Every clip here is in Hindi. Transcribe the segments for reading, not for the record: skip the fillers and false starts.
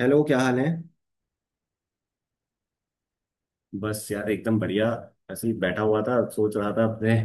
हेलो, क्या हाल है। बस यार एकदम बढ़िया। ऐसे ही बैठा हुआ था, सोच रहा था अपने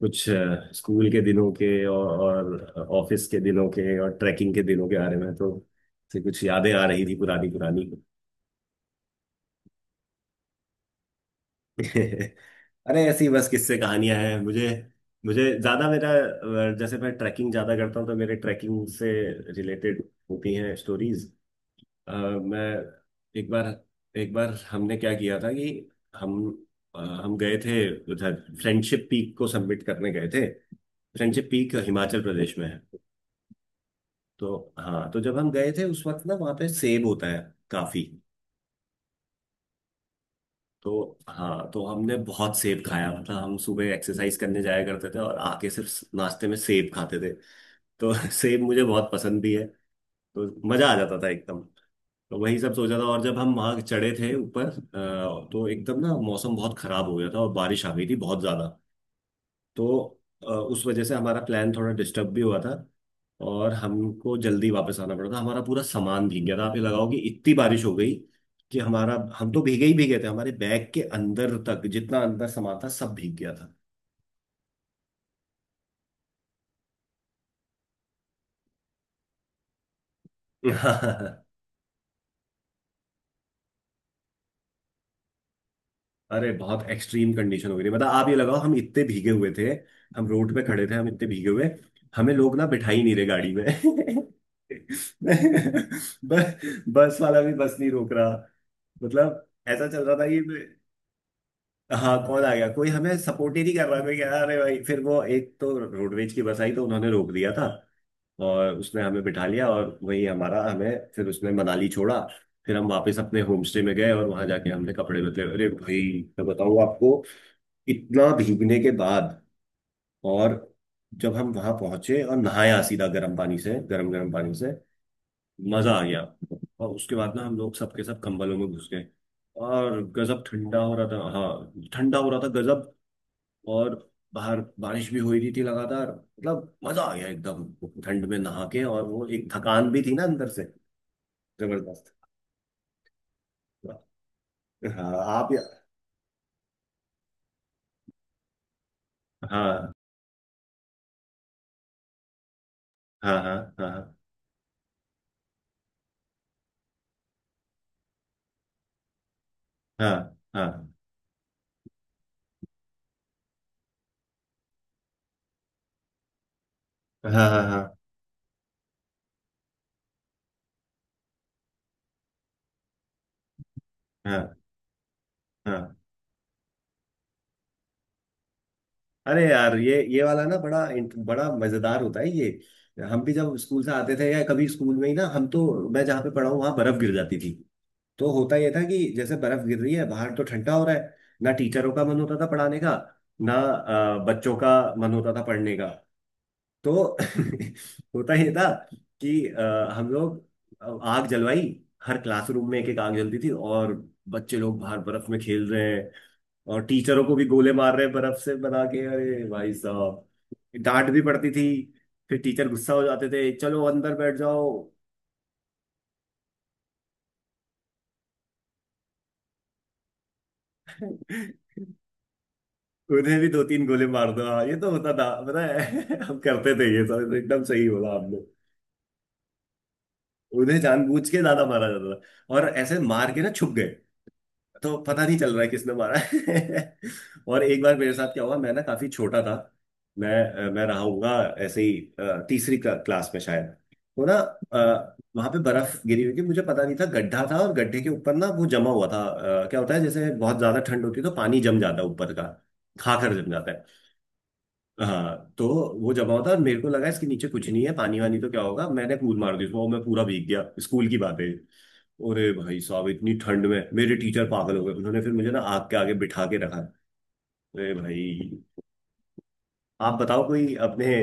कुछ स्कूल के दिनों के और ऑफिस के दिनों के और ट्रैकिंग के दिनों के बारे में, तो से कुछ यादें आ रही थी पुरानी पुरानी। अरे ऐसी बस किस्से कहानियां हैं मुझे मुझे ज्यादा मेरा जैसे मैं ट्रैकिंग ज्यादा करता हूँ, तो मेरे ट्रैकिंग से रिलेटेड होती हैं स्टोरीज। मैं एक बार, हमने क्या किया था कि हम हम गए थे उधर। फ्रेंडशिप पीक को सबमिट करने गए थे। फ्रेंडशिप पीक हिमाचल प्रदेश में है। तो हाँ, तो जब हम गए थे उस वक्त ना वहाँ पे सेब होता है काफी। तो हाँ, तो हमने बहुत सेब खाया, मतलब हम सुबह एक्सरसाइज करने जाया करते थे और आके सिर्फ नाश्ते में सेब खाते थे। तो सेब मुझे बहुत पसंद भी है, तो मजा आ जाता था एकदम। तो वही सब सोचा था। और जब हम वहां चढ़े थे ऊपर तो एकदम ना मौसम बहुत खराब हो गया था और बारिश आ गई थी बहुत ज्यादा। तो उस वजह से हमारा प्लान थोड़ा डिस्टर्ब भी हुआ था और हमको जल्दी वापस आना पड़ा था। हमारा पूरा सामान भीग गया था। आप ये लगाओ कि इतनी बारिश हो गई कि हमारा हम तो भीगे ही भीगे थे, हमारे बैग के अंदर तक जितना अंदर सामान था सब भीग गया था। अरे बहुत एक्सट्रीम कंडीशन हो गई थी। मतलब आप ये लगाओ हम इतने भीगे हुए थे, हम रोड पे खड़े थे, हम इतने भीगे हुए हमें लोग ना बिठा ही नहीं रहे गाड़ी में। बस बस वाला भी बस नहीं रोक रहा। मतलब ऐसा चल रहा था कि हाँ कौन आ गया, कोई हमें सपोर्ट ही नहीं कर रहा। कोई कह रहा अरे भाई, फिर वो एक तो रोडवेज की बस आई तो उन्होंने रोक दिया था और उसने हमें बिठा लिया। और वही हमारा हमें फिर उसने मनाली छोड़ा। फिर हम वापस अपने होम स्टे में गए और वहां जाके हमने कपड़े बदले। अरे भाई, मैं बताऊँ आपको, इतना भीगने के बाद और जब हम वहां पहुंचे और नहाया सीधा गर्म पानी से, गर्म गर्म पानी से, मजा आ गया। और उसके बाद ना हम लोग सबके सब कंबलों में घुस गए। और गजब ठंडा हो रहा था, हाँ ठंडा हो रहा था गजब। और बाहर बारिश भी हो रही थी लगातार, मतलब मजा आ गया एकदम। ठंड में नहा के और वो एक थकान भी थी ना अंदर से जबरदस्त। हाँ आप। हाँ हाँ हाँ। हाँ हाँ हाँ। हाँ हाँ हाँ। हाँ हाँ हाँ। अरे यार, ये वाला ना बड़ा बड़ा मजेदार होता है ये। हम भी जब स्कूल से आते थे या कभी स्कूल में ही ना, हम तो मैं जहाँ पे पढ़ा हूँ वहां बर्फ गिर जाती थी। तो होता ये था कि जैसे बर्फ गिर रही है बाहर तो ठंडा हो रहा है, ना टीचरों का मन होता था पढ़ाने का, ना बच्चों का मन होता था पढ़ने का। तो होता ये था कि हम लोग आग जलवाई। हर क्लासरूम में एक एक आग जलती थी और बच्चे लोग बाहर बर्फ में खेल रहे हैं और टीचरों को भी गोले मार रहे हैं बर्फ से बना के। अरे भाई साहब, डांट भी पड़ती थी, फिर टीचर गुस्सा हो जाते थे, चलो अंदर बैठ जाओ। उन्हें भी दो तीन गोले मार दो। हाँ ये तो होता था, पता है। हम करते थे ये सब, एकदम सही बोला आपने। उन्हें जानबूझ के ज्यादा मारा जाता था और ऐसे मार के ना छुप गए तो पता नहीं चल रहा है किसने मारा है। और एक बार मेरे साथ क्या हुआ, मैं ना काफी छोटा था। मैं मैं रहा हूँगा ऐसे ही तीसरी क्लास में शायद। तो ना वहां पे बर्फ गिरी हुई थी, मुझे पता नहीं था गड्ढा था और गड्ढे के ऊपर ना वो जमा हुआ था। क्या होता है जैसे बहुत ज्यादा ठंड होती है तो पानी जम जाता है ऊपर का। खाकर जम जाता है। हाँ तो वो जमा होता है और मेरे को लगा इसके नीचे कुछ नहीं है, पानी वानी तो क्या होगा, मैंने कूद मार दी उसमें और मैं पूरा भीग गया। स्कूल की बात है। अरे भाई साहब, इतनी ठंड में मेरे टीचर पागल हो गए, उन्होंने फिर मुझे ना आग के आगे बिठा के रखा। अरे भाई, आप बताओ कोई अपने,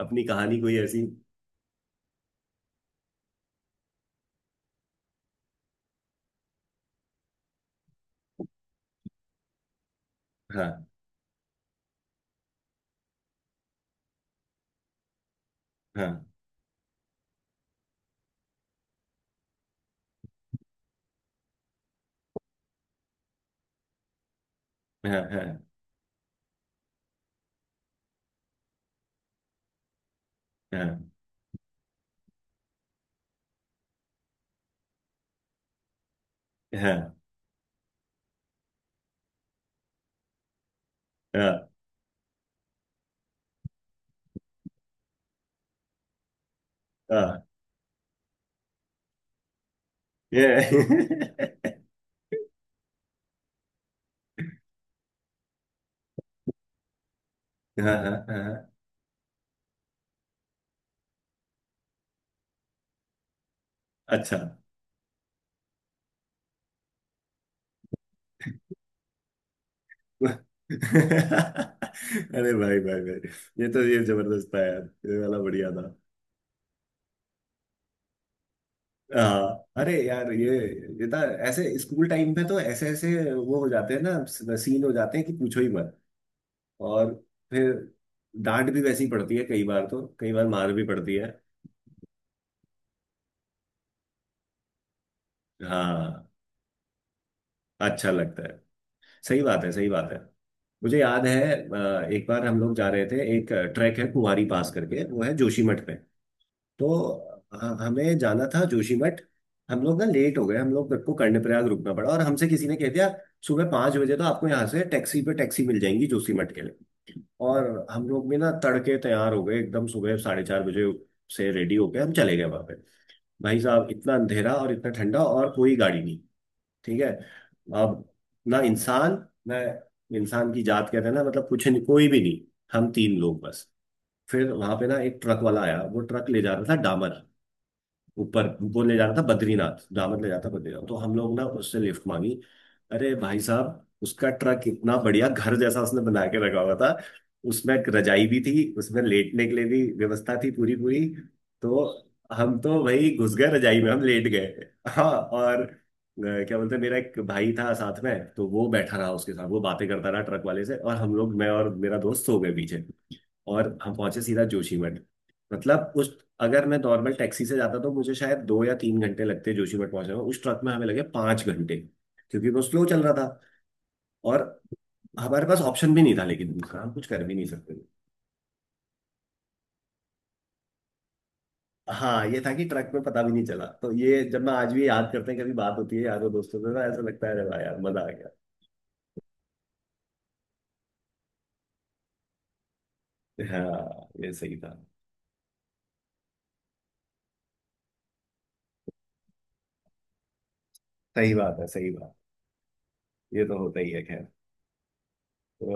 अपनी कहानी कोई ऐसी। हाँ हाँ हाँ हाँ। हाँ हाँ हाँ हाँ। ये हाँ हाँ हाँ। अच्छा। अरे भाई भाई भाई, ये तो ये जबरदस्त था यार। ये वाला बढ़िया था। हाँ। अरे यार, ये था। ऐसे स्कूल टाइम पे तो ऐसे ऐसे वो हो जाते हैं ना, सीन हो जाते हैं कि पूछो ही मत। और फिर डांट भी वैसी पड़ती है कई बार, तो कई बार मार भी पड़ती है। हाँ। अच्छा लगता है। सही बात है, सही बात है। मुझे याद है एक बार हम लोग जा रहे थे, एक ट्रैक है कुंवारी पास करके, वो है जोशीमठ पे। तो हमें जाना था जोशीमठ। हम लोग ना लेट हो गए, हम लोग को कर्णप्रयाग रुकना पड़ा और हमसे किसी ने कह दिया सुबह पाँच बजे तो आपको यहाँ से टैक्सी पे टैक्सी मिल जाएंगी जोशीमठ के लिए। और हम लोग भी ना तड़के तैयार हो गए एकदम सुबह साढ़े चार बजे से रेडी होके हम चले गए वहां। भाई साहब, इतना अंधेरा और इतना ठंडा और कोई गाड़ी नहीं। ठीक है। अब ना इंसान, ना इंसान की जात कहते हैं ना, मतलब कुछ नहीं, कोई भी नहीं। हम तीन लोग बस। फिर वहां पे ना एक ट्रक वाला आया, वो ट्रक ले जा रहा था डामर ऊपर। वो ले जाना था बद्रीनाथ, दामन ले जाता बद्रीनाथ, तो हम लोग ना उससे लिफ्ट मांगी। अरे भाई साहब, उसका ट्रक इतना बढ़िया घर जैसा उसने बना के रखा हुआ था। उसमें एक रजाई भी थी, उसमें लेटने के लिए भी व्यवस्था थी पूरी पूरी। तो हम तो भाई घुस गए रजाई में, हम लेट गए। हाँ और क्या बोलते हैं, मेरा एक भाई था साथ में, तो वो बैठा रहा उसके साथ, वो बातें करता रहा ट्रक वाले से और हम लोग, मैं और मेरा दोस्त सो गए पीछे। और हम पहुंचे सीधा जोशीमठ। मतलब उस, अगर मैं नॉर्मल टैक्सी से जाता तो मुझे शायद दो या तीन घंटे लगते जोशीमठ पहुंचने में, उस ट्रक में हमें लगे पांच घंटे, क्योंकि वो स्लो चल रहा था। और हमारे पास ऑप्शन भी नहीं था, लेकिन दूसरा हम कुछ कर भी नहीं सकते। हाँ ये था कि ट्रक में पता भी नहीं चला, तो ये जब मैं आज भी याद करते हैं, कभी बात होती है यारों दोस्तों से ना, ऐसा लगता है अरे वाह यार मजा आ गया। हाँ ये सही था। सही बात है, सही बात। ये तो होता ही है, खैर। तो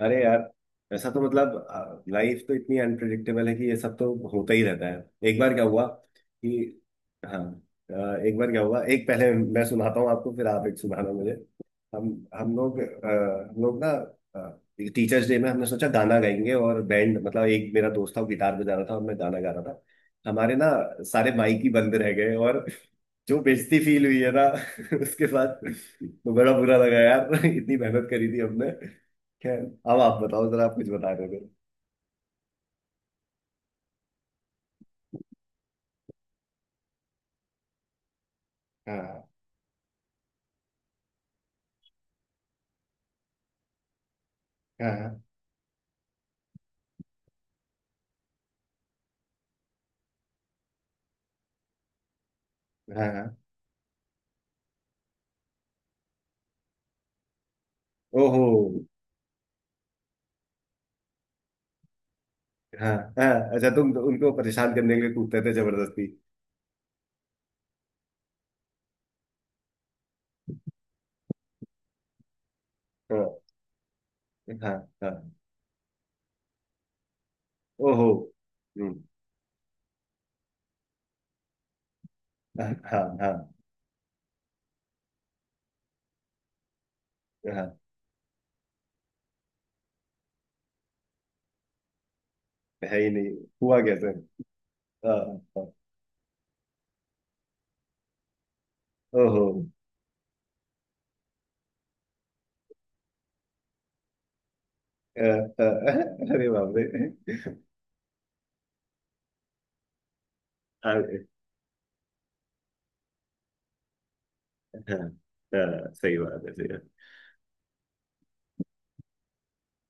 अरे यार, ऐसा तो मतलब लाइफ तो इतनी अनप्रिडिक्टेबल है कि ये सब तो होता ही रहता है। एक बार क्या हुआ कि हाँ अ, एक बार क्या हुआ, एक पहले मैं सुनाता हूँ आपको, फिर आप एक सुनाना मुझे। हम हम लोग हम लोग ना टीचर्स डे में हमने सोचा गाना गाएंगे और बैंड, मतलब एक मेरा दोस्त था वो गिटार बजा रहा था और मैं गाना गा रहा था। हमारे ना सारे माइक ही बंद रह गए और जो बेइज्जती फील हुई है ना। उसके बाद तो बड़ा बुरा लगा यार। इतनी मेहनत करी थी हमने। खैर, अब आप बताओ जरा, आप कुछ बता रहे थे। हाँ हाँ हाँ हाँ। ओहो। हाँ हाँ। अच्छा, तुम तो उनको परेशान करने के लिए कूदते थे जबरदस्ती। हाँ हाँ हाँ। ओहो। हम्म। हाँ हाँ हाँ हाँ, है ही नहीं। हुआ कैसे। हाँ हाँ, ओहो। अ, अ, अरे बाप रे। हाँ हाँ हाँ, सही बात है सही बात है।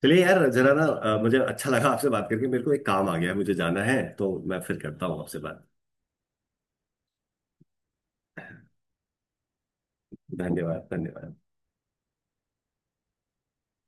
चलिए यार, जरा ना मुझे अच्छा लगा आपसे बात करके, मेरे को एक काम आ गया है, मुझे जाना है, तो मैं फिर करता हूँ आपसे बात। धन्यवाद धन्यवाद।